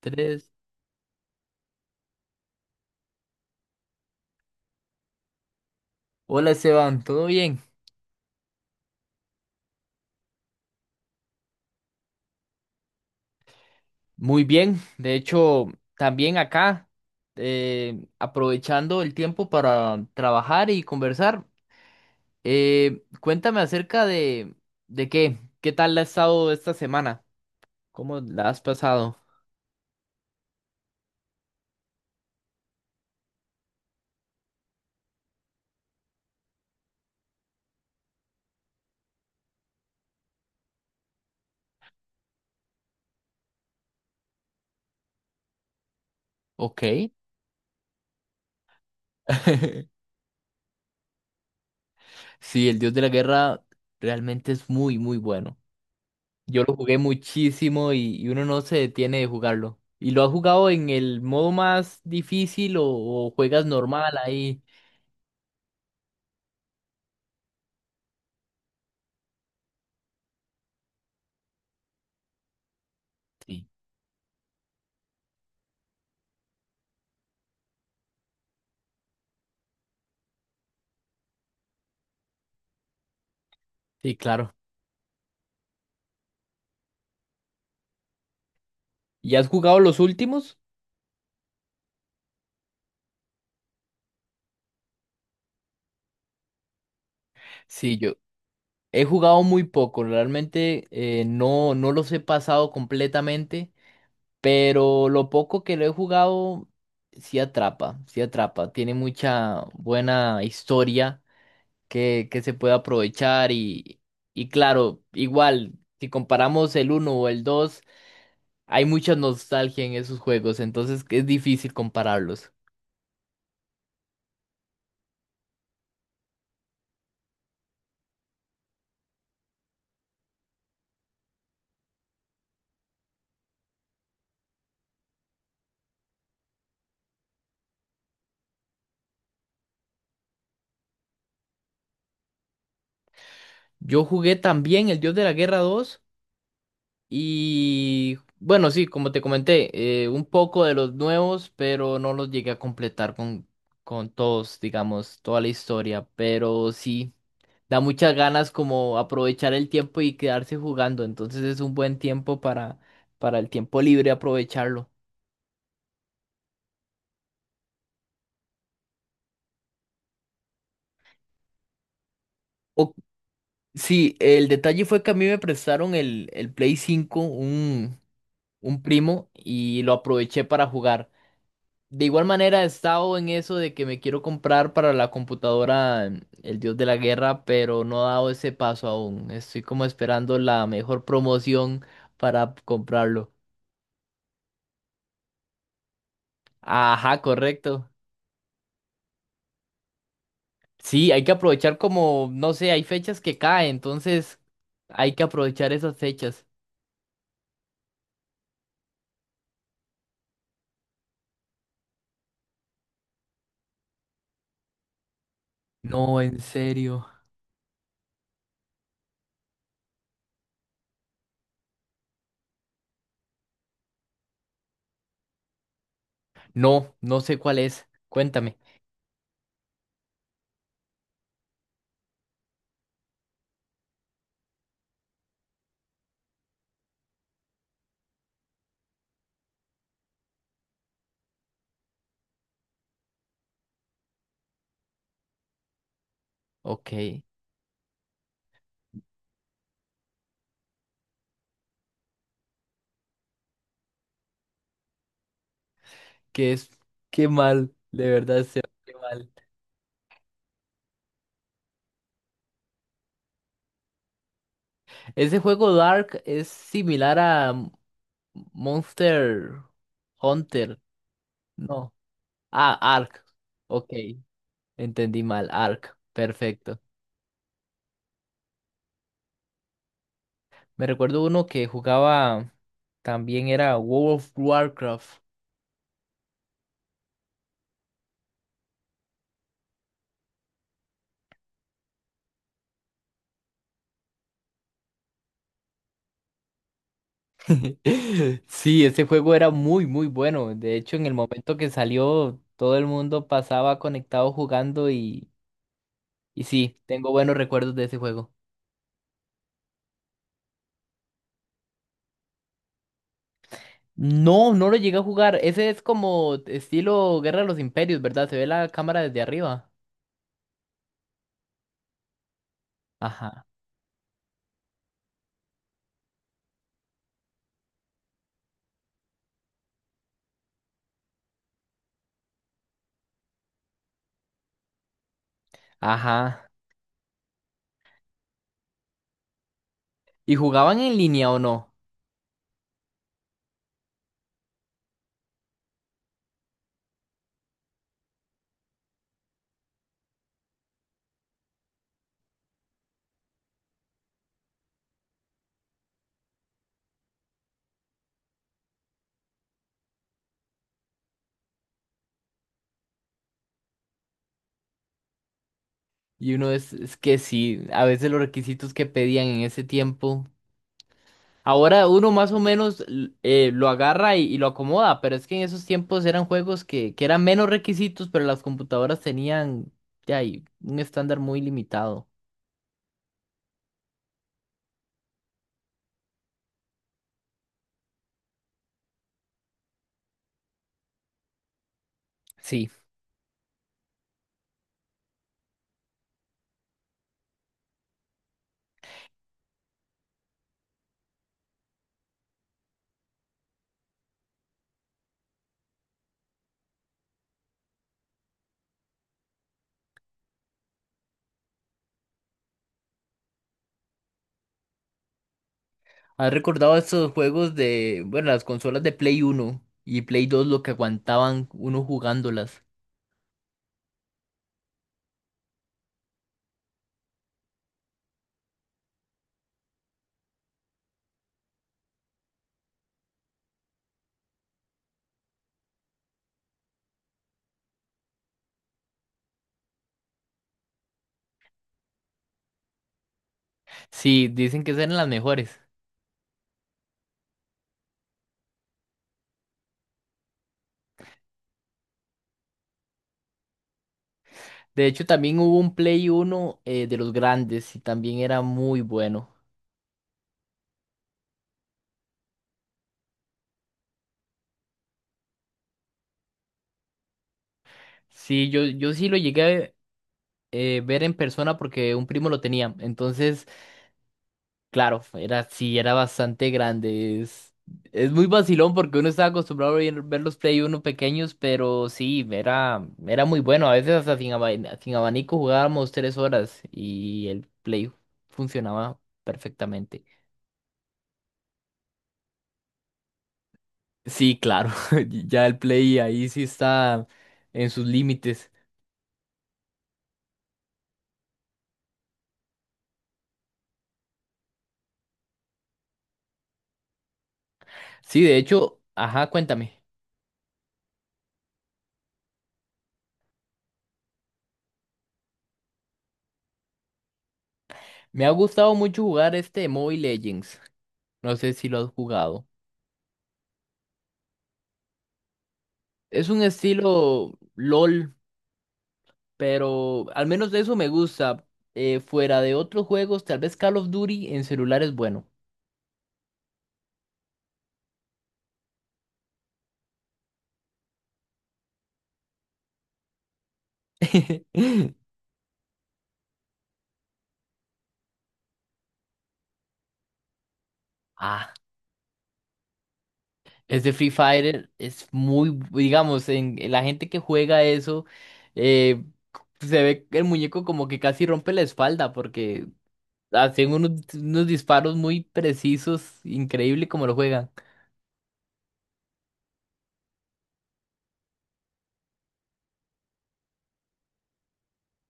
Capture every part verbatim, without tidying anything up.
Tres. Hola Esteban, ¿todo bien? Muy bien. De hecho, también acá, eh, aprovechando el tiempo para trabajar y conversar, eh, cuéntame acerca de, de qué, qué tal ha estado esta semana, cómo la has pasado. Ok. Sí, el Dios de la Guerra realmente es muy, muy bueno. Yo lo jugué muchísimo y, y uno no se detiene de jugarlo. ¿Y lo has jugado en el modo más difícil o, o juegas normal ahí? Sí, sí, claro. ¿Y has jugado los últimos? Sí, yo he jugado muy poco, realmente eh, no, no los he pasado completamente, pero lo poco que lo he jugado sí atrapa, sí atrapa. Tiene mucha buena historia que, que se puede aprovechar y, y claro, igual, si comparamos el uno o el dos, hay mucha nostalgia en esos juegos, entonces es difícil compararlos. Yo jugué también el Dios de la Guerra dos. Y bueno, sí, como te comenté, eh, un poco de los nuevos, pero no los llegué a completar con, con todos, digamos, toda la historia. Pero sí, da muchas ganas como aprovechar el tiempo y quedarse jugando. Entonces es un buen tiempo para, para el tiempo libre aprovecharlo. O, sí, el detalle fue que a mí me prestaron el, el Play cinco un, un primo, y lo aproveché para jugar. De igual manera he estado en eso de que me quiero comprar para la computadora mm, El Dios de la Guerra, pero no he dado ese paso aún. Estoy como esperando la mejor promoción para comprarlo. Ajá, correcto. Sí, hay que aprovechar como, no sé, hay fechas que caen, entonces hay que aprovechar esas fechas. No, en serio. No, no sé cuál es. Cuéntame. Ok, ¿qué es? Qué mal, de verdad, Seba, qué mal. Ese juego Dark es similar a Monster Hunter. No. Ah, Ark. Ok, entendí mal. Ark. Perfecto. Me recuerdo uno que jugaba también era World of Warcraft. Sí, ese juego era muy, muy bueno. De hecho, en el momento que salió, todo el mundo pasaba conectado jugando y, y sí, tengo buenos recuerdos de ese juego. No, no lo llegué a jugar. Ese es como estilo Guerra de los Imperios, ¿verdad? Se ve la cámara desde arriba. Ajá. Ajá. ¿Y jugaban en línea o no? Y uno es, es que sí, a veces los requisitos que pedían en ese tiempo. Ahora uno más o menos l- eh, lo agarra y, y lo acomoda, pero es que en esos tiempos eran juegos que, que eran menos requisitos, pero las computadoras tenían de ahí, un estándar muy limitado. Sí. ¿Has recordado esos juegos de, bueno, las consolas de Play Uno y Play Dos lo que aguantaban uno jugándolas? Sí, dicen que esas eran las mejores. De hecho, también hubo un Play uno eh, de los grandes y también era muy bueno. Sí, yo, yo sí lo llegué a eh, ver en persona porque un primo lo tenía. Entonces, claro, era, sí, era bastante grande. Es, es muy vacilón porque uno estaba acostumbrado a ver ver los Play uno pequeños, pero sí, era, era muy bueno. A veces hasta sin, aba- sin abanico jugábamos tres horas y el Play funcionaba perfectamente. Sí, claro, ya el Play ahí sí está en sus límites. Sí, de hecho, ajá, cuéntame. Me ha gustado mucho jugar este Mobile Legends. No sé si lo has jugado. Es un estilo L O L, pero al menos de eso me gusta. Eh, fuera de otros juegos, tal vez Call of Duty en celular es bueno. Ah, ese Free Fire es muy, digamos, en, en la gente que juega eso, eh, se ve el muñeco como que casi rompe la espalda porque hacen unos, unos disparos muy precisos, increíble como lo juegan.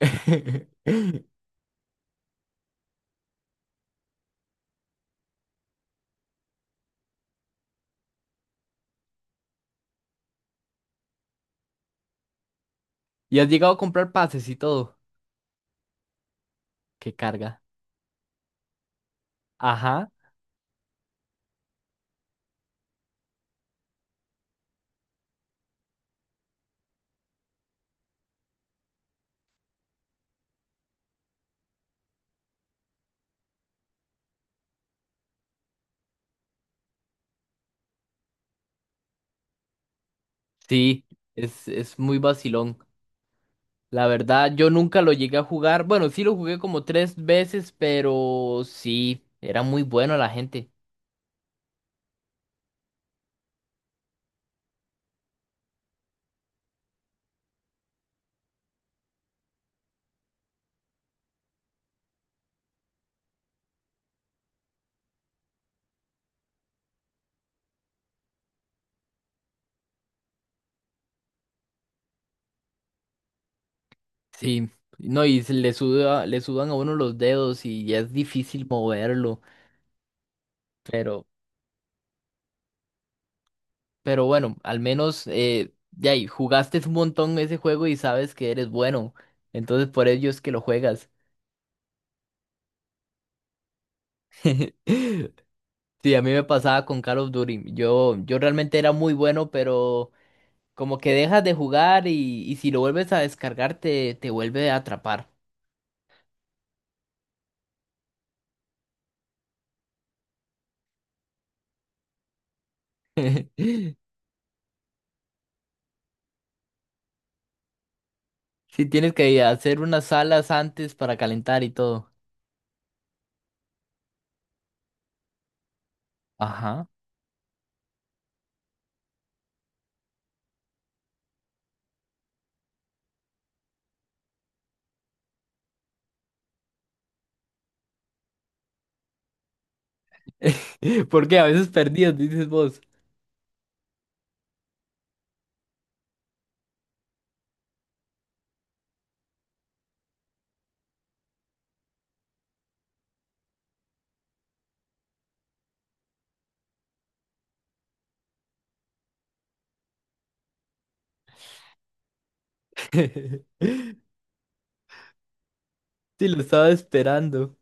Y has llegado a comprar pases y todo. Qué carga. Ajá, sí, es, es muy vacilón. La verdad, yo nunca lo llegué a jugar. Bueno, sí lo jugué como tres veces, pero sí, era muy bueno la gente. Sí, no, y se le suda, le sudan a uno los dedos y ya es difícil moverlo, pero, pero bueno, al menos eh, ya ahí, jugaste un montón ese juego y sabes que eres bueno, entonces por ello es que lo juegas. Sí, a mí me pasaba con Call of Duty, yo, yo realmente era muy bueno, pero como que dejas de jugar y, y si lo vuelves a descargar te, te vuelve a atrapar. Sí, tienes que hacer unas salas antes para calentar y todo. Ajá. Porque a veces perdidos, dices vos. Sí, lo estaba esperando.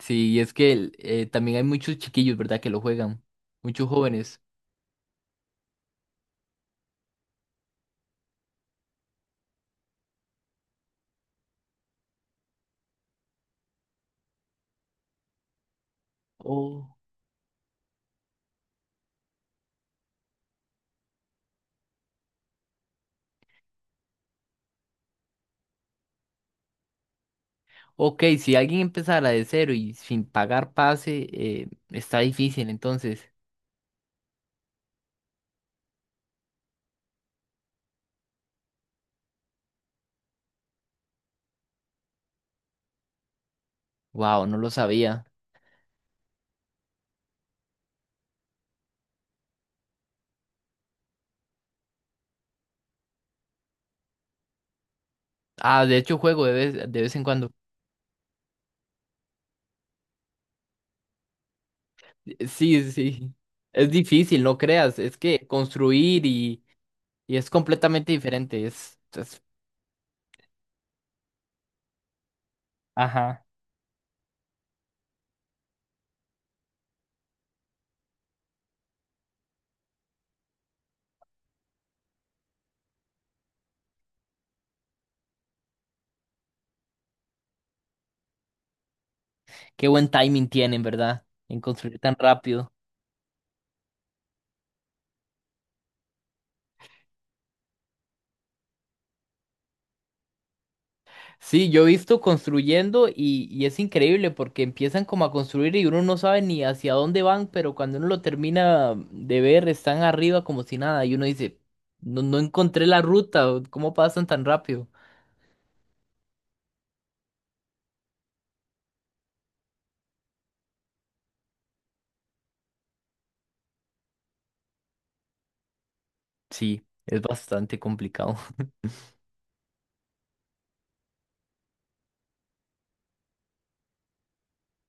Sí, y es que el- eh, también hay muchos chiquillos, ¿verdad? Que lo juegan, muchos jóvenes. Oh. Ok, si alguien empezara de cero y sin pagar pase, eh, está difícil, entonces. Wow, no lo sabía. Ah, de hecho juego de vez, de vez en cuando. Eh, Sí, sí. Sí. Es difícil, no creas. Es que construir y, y es completamente diferente. Es, es- ajá. Qué buen timing tienen, ¿verdad? En construir tan rápido. Sí, yo he visto construyendo y, y es increíble porque empiezan como a construir y uno no sabe ni hacia dónde van, pero cuando uno lo termina de ver, están arriba como si nada y uno dice, no, no encontré la ruta, o ¿cómo pasan tan rápido? Sí, es bastante complicado.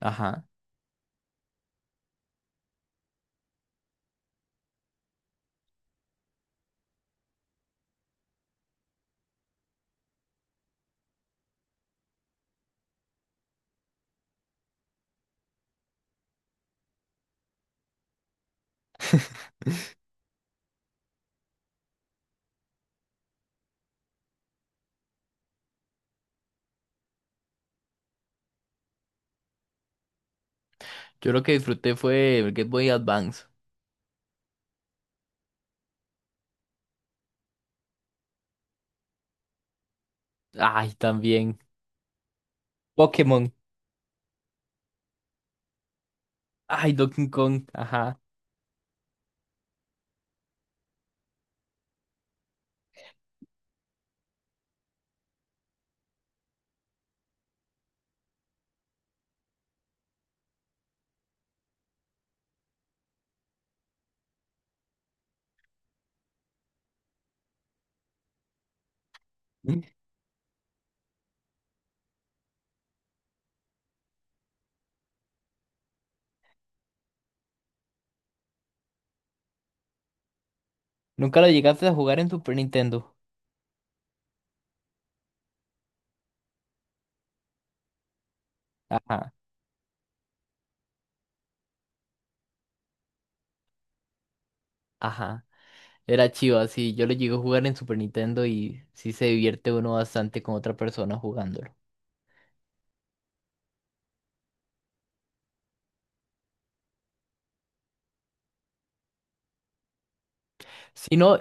Ajá. Yo lo que disfruté fue el Game Boy Advance. Ay, también. Pokémon. Ay, Donkey Kong. Ajá. ¿Nunca lo llegaste a jugar en Super Nintendo? Ajá, ajá. Era chido, así yo lo llegué a jugar en Super Nintendo y sí se divierte uno bastante con otra persona jugándolo. Si no,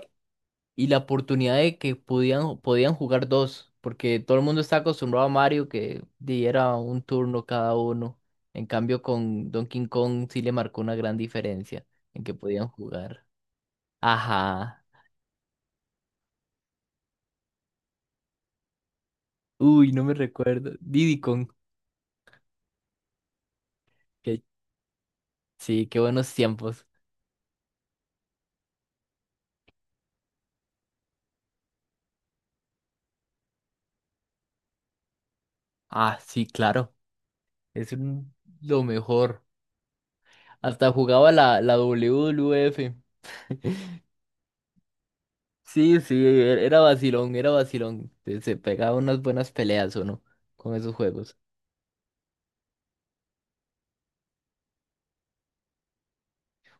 y la oportunidad de que podían, podían jugar dos, porque todo el mundo está acostumbrado a Mario que diera un turno cada uno. En cambio, con Donkey Kong sí le marcó una gran diferencia en que podían jugar. Ajá. Uy, no me recuerdo. Diddy Kong. que- sí, qué buenos tiempos. Ah, sí, claro. Es un- lo mejor. Hasta jugaba la, la W W F. Sí, sí, er- era vacilón, era vacilón. Se se pegaba unas buenas peleas, ¿o no? Con esos juegos.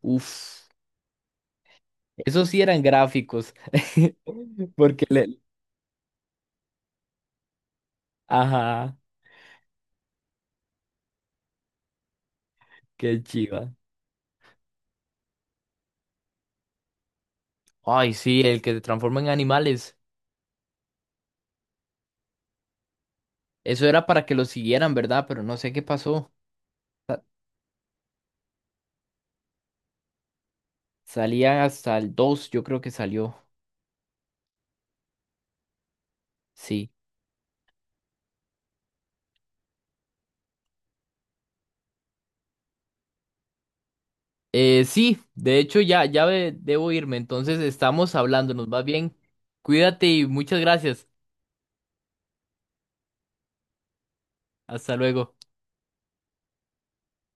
Uf, esos sí eran gráficos. Porque le... Ajá, qué chiva. Ay, sí, el que se transforma en animales. Eso era para que lo siguieran, ¿verdad? Pero no sé qué pasó. Salía hasta el dos yo creo que salió. Sí. Eh, sí, de hecho ya, ya de- debo irme, entonces estamos hablando, nos va bien. Cuídate y muchas gracias. Hasta luego.